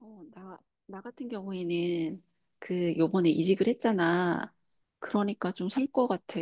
어, 나 같은 경우에는 그 요번에 이직을 했잖아. 그러니까 좀 살 것 같아.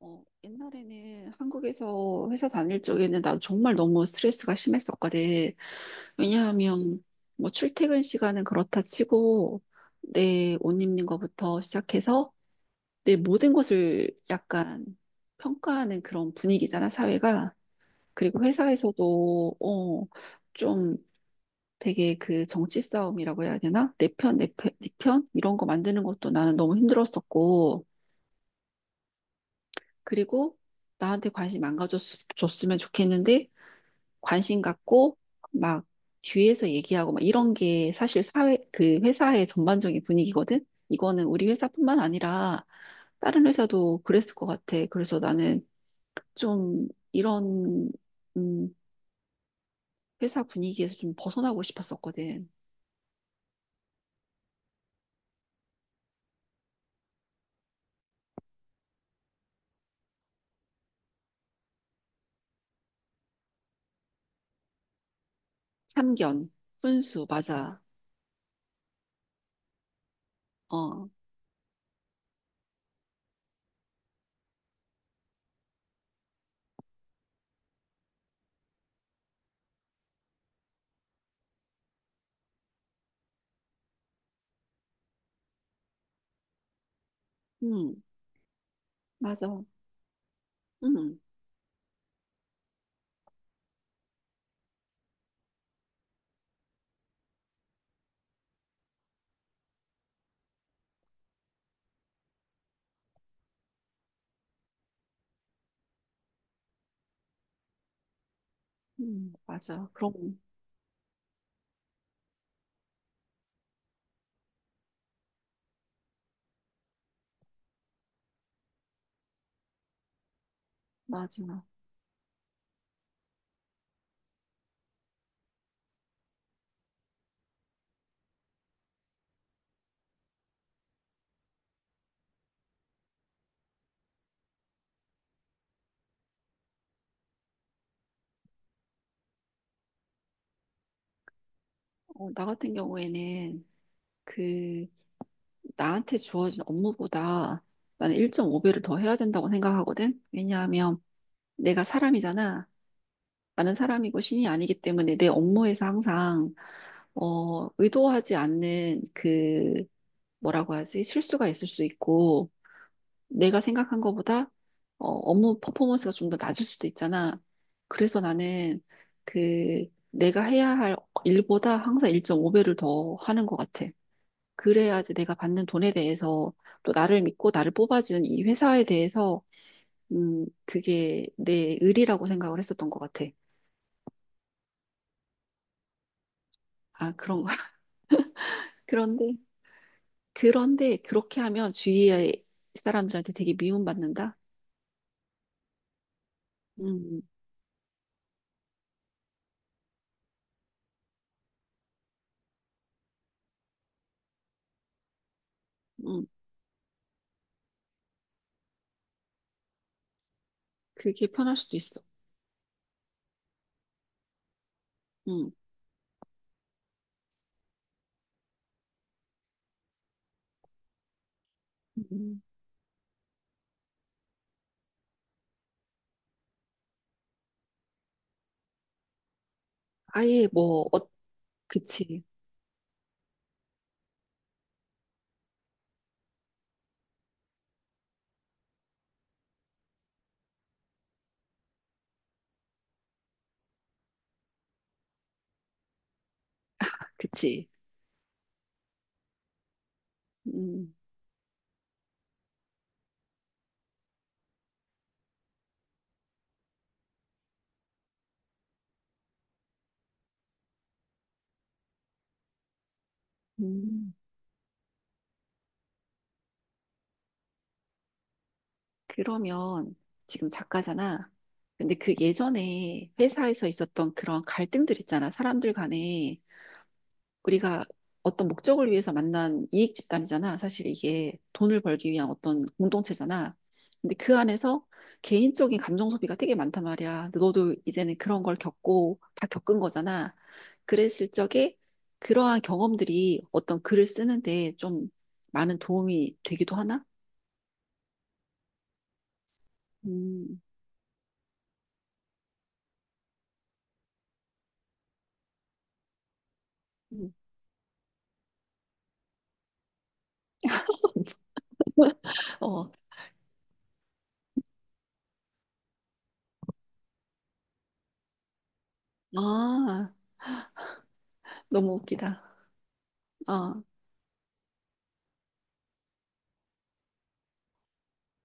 어, 옛날에는 한국에서 회사 다닐 적에는 나도 정말 너무 스트레스가 심했었거든. 왜냐하면 뭐 출퇴근 시간은 그렇다 치고 내 옷 입는 거부터 시작해서 내 모든 것을 약간 평가하는 그런 분위기잖아, 사회가. 그리고 회사에서도 좀 되게 그 정치 싸움이라고 해야 되나? 내 편, 네 편? 이런 거 만드는 것도 나는 너무 힘들었었고, 그리고 나한테 관심 안 가졌으면 좋겠는데, 관심 갖고, 막 뒤에서 얘기하고, 막 이런 게 사실 사회, 그 회사의 전반적인 분위기거든? 이거는 우리 회사뿐만 아니라 다른 회사도 그랬을 것 같아. 그래서 나는 좀 이런, 음, 회사 분위기에서 좀 벗어나고 싶었었거든. 참견, 훈수, 맞아. 어. 음, 맞아. 음, 맞아. 그럼, 맞아. 어, 나 같은 경우에는 그, 나한테 주어진 업무보다 나는 1.5배를 더 해야 된다고 생각하거든? 왜냐하면 내가 사람이잖아. 나는 사람이고 신이 아니기 때문에 내 업무에서 항상, 의도하지 않는 뭐라고 하지? 실수가 있을 수 있고, 내가 생각한 것보다 업무 퍼포먼스가 좀 더 낮을 수도 있잖아. 그래서 나는 그 내가 해야 할 일보다 항상 1.5배를 더 하는 것 같아. 그래야지 내가 받는 돈에 대해서 또 나를 믿고 나를 뽑아준 이 회사에 대해서 그게 내 의리라고 생각을 했었던 것 같아. 아, 그런 거야. 그런데 그런데 그렇게 하면 주위의 사람들한테 되게 미움받는다. 음, 음, 그게 편할 수도 있어. 음. 음. 아예 뭐 그치, 그치. 음, 음. 그러면 지금 작가잖아. 근데 그 예전에 회사에서 있었던 그런 갈등들 있잖아. 사람들 간에. 우리가 어떤 목적을 위해서 만난 이익 집단이잖아. 사실 이게 돈을 벌기 위한 어떤 공동체잖아. 근데 그 안에서 개인적인 감정 소비가 되게 많단 말이야. 근데 너도 이제는 그런 걸 겪고 다 겪은 거잖아. 그랬을 적에 그러한 경험들이 어떤 글을 쓰는데 좀 많은 도움이 되기도 하나? 음. 음. 어, 아, 너무 웃기다. 아,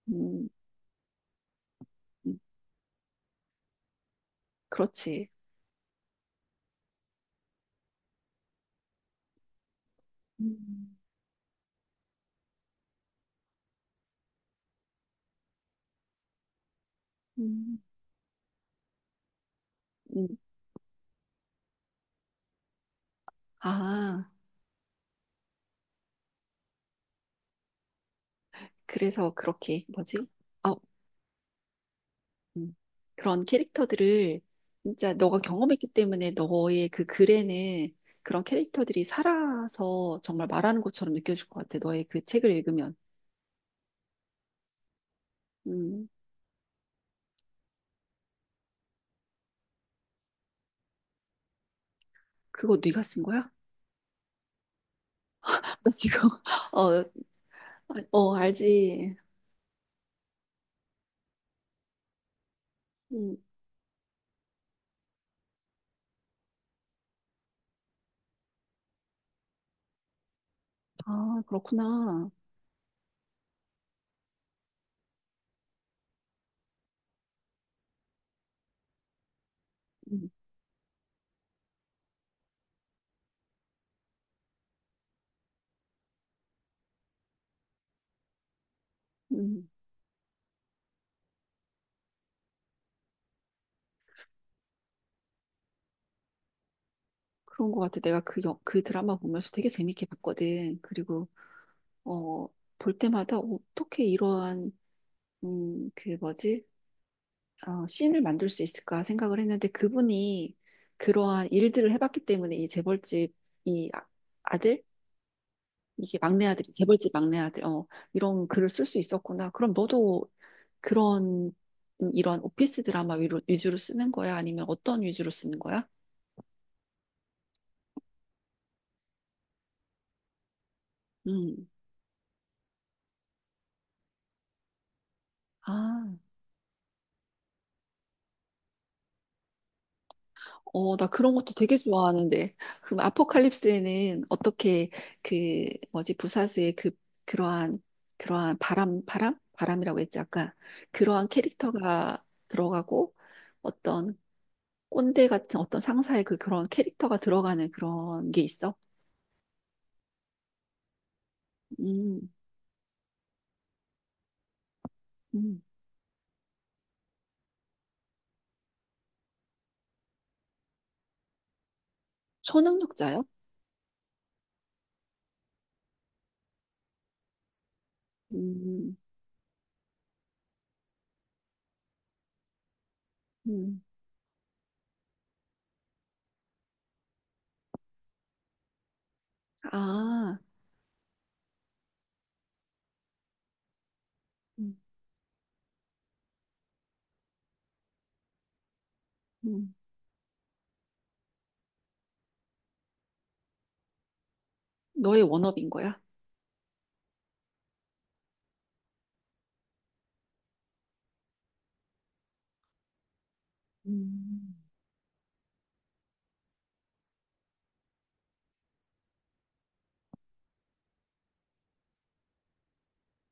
음, 음, 그렇지. 음, 음, 음. 아. 그래서 그렇게 뭐지? 어, 음, 그런 캐릭터들을 진짜 너가 경험했기 때문에 너의 그 글에는 그런 캐릭터들이 살아서 정말 말하는 것처럼 느껴질 것 같아. 너의 그 책을 읽으면. 음, 그거 네가 쓴 거야? 나 지금 어, 어, 알지. 음, 아, 그렇구나. 음, 음, 그런 것 같아. 내가 그 드라마 보면서 되게 재밌게 봤거든. 그리고 어, 볼 때마다 어떻게 이러한 그 뭐지? 씬을 만들 수 있을까 생각을 했는데 그분이 그러한 일들을 해봤기 때문에 이 재벌집 이 아- 아들 이게 막내 아들이 재벌집 막내 아들 이런 글을 쓸 수 있었구나. 그럼 너도 그런 이런 오피스 드라마 위주로 쓰는 거야? 아니면 어떤 위주로 쓰는 거야? 음. 아. 어, 나 그런 것도 되게 좋아하는데. 그럼 아포칼립스에는 어떻게 그 뭐지 부사수의 그러한 그러한 바람이라고 했지 아까 그러한 캐릭터가 들어가고 어떤 꼰대 같은 어떤 상사의 그런 캐릭터가 들어가는 그런 게 있어? 음, 음. 초능력자요? 음, 음. 아, 음, 음. 너의 워너비인 거야? 음,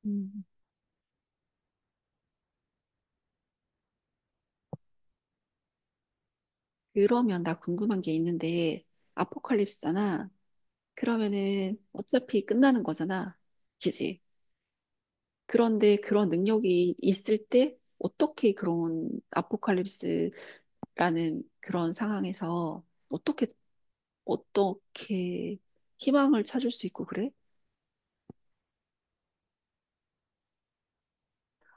음. 그러면 나 궁금한 게 있는데, 아포칼립스잖아. 그러면은 어차피 끝나는 거잖아. 그지? 그런데 그런 능력이 있을 때 어떻게 그런 아포칼립스라는 그런 상황에서 어떻게, 어떻게 희망을 찾을 수 있고 그래?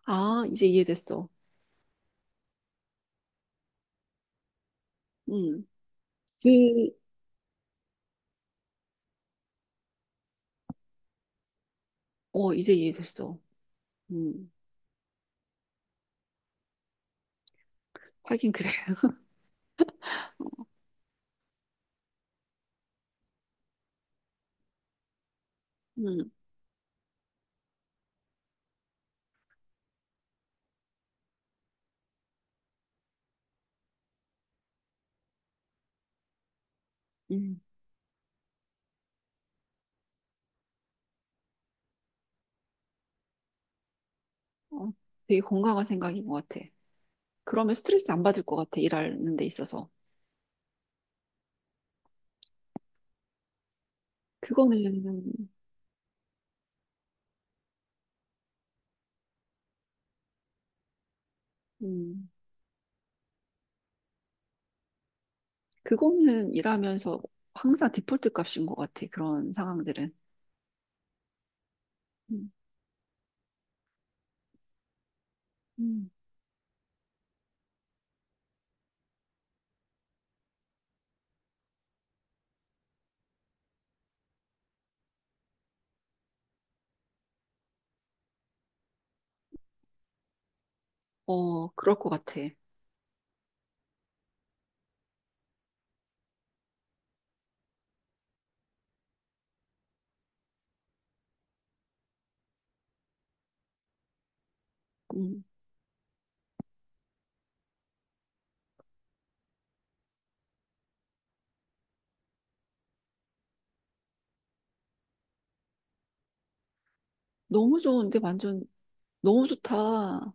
아, 이제 이해됐어. 음, 그, 이제 이해됐어. 음, 하긴 그래. 음, 음. 어, 되게 건강한 생각인 것 같아. 그러면 스트레스 안 받을 것 같아, 일하는 데 있어서. 그거는, 음, 그거는 일하면서 항상 디폴트 값인 것 같아. 그런 상황들은. 음, 음. 어, 그럴 것 같아. 음, 너무 좋은데, 완전, 너무 좋다.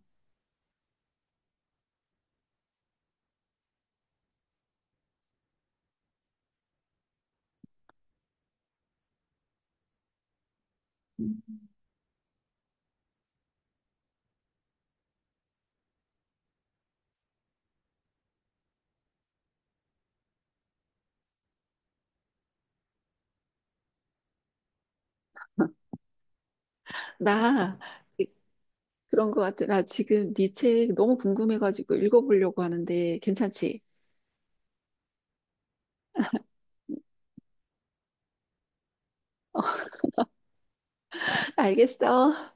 음. 나, 이- 그런 것 같아. 나 지금 네 책 너무 궁금해가지고 읽어보려고 하는데, 괜찮지? 알겠어.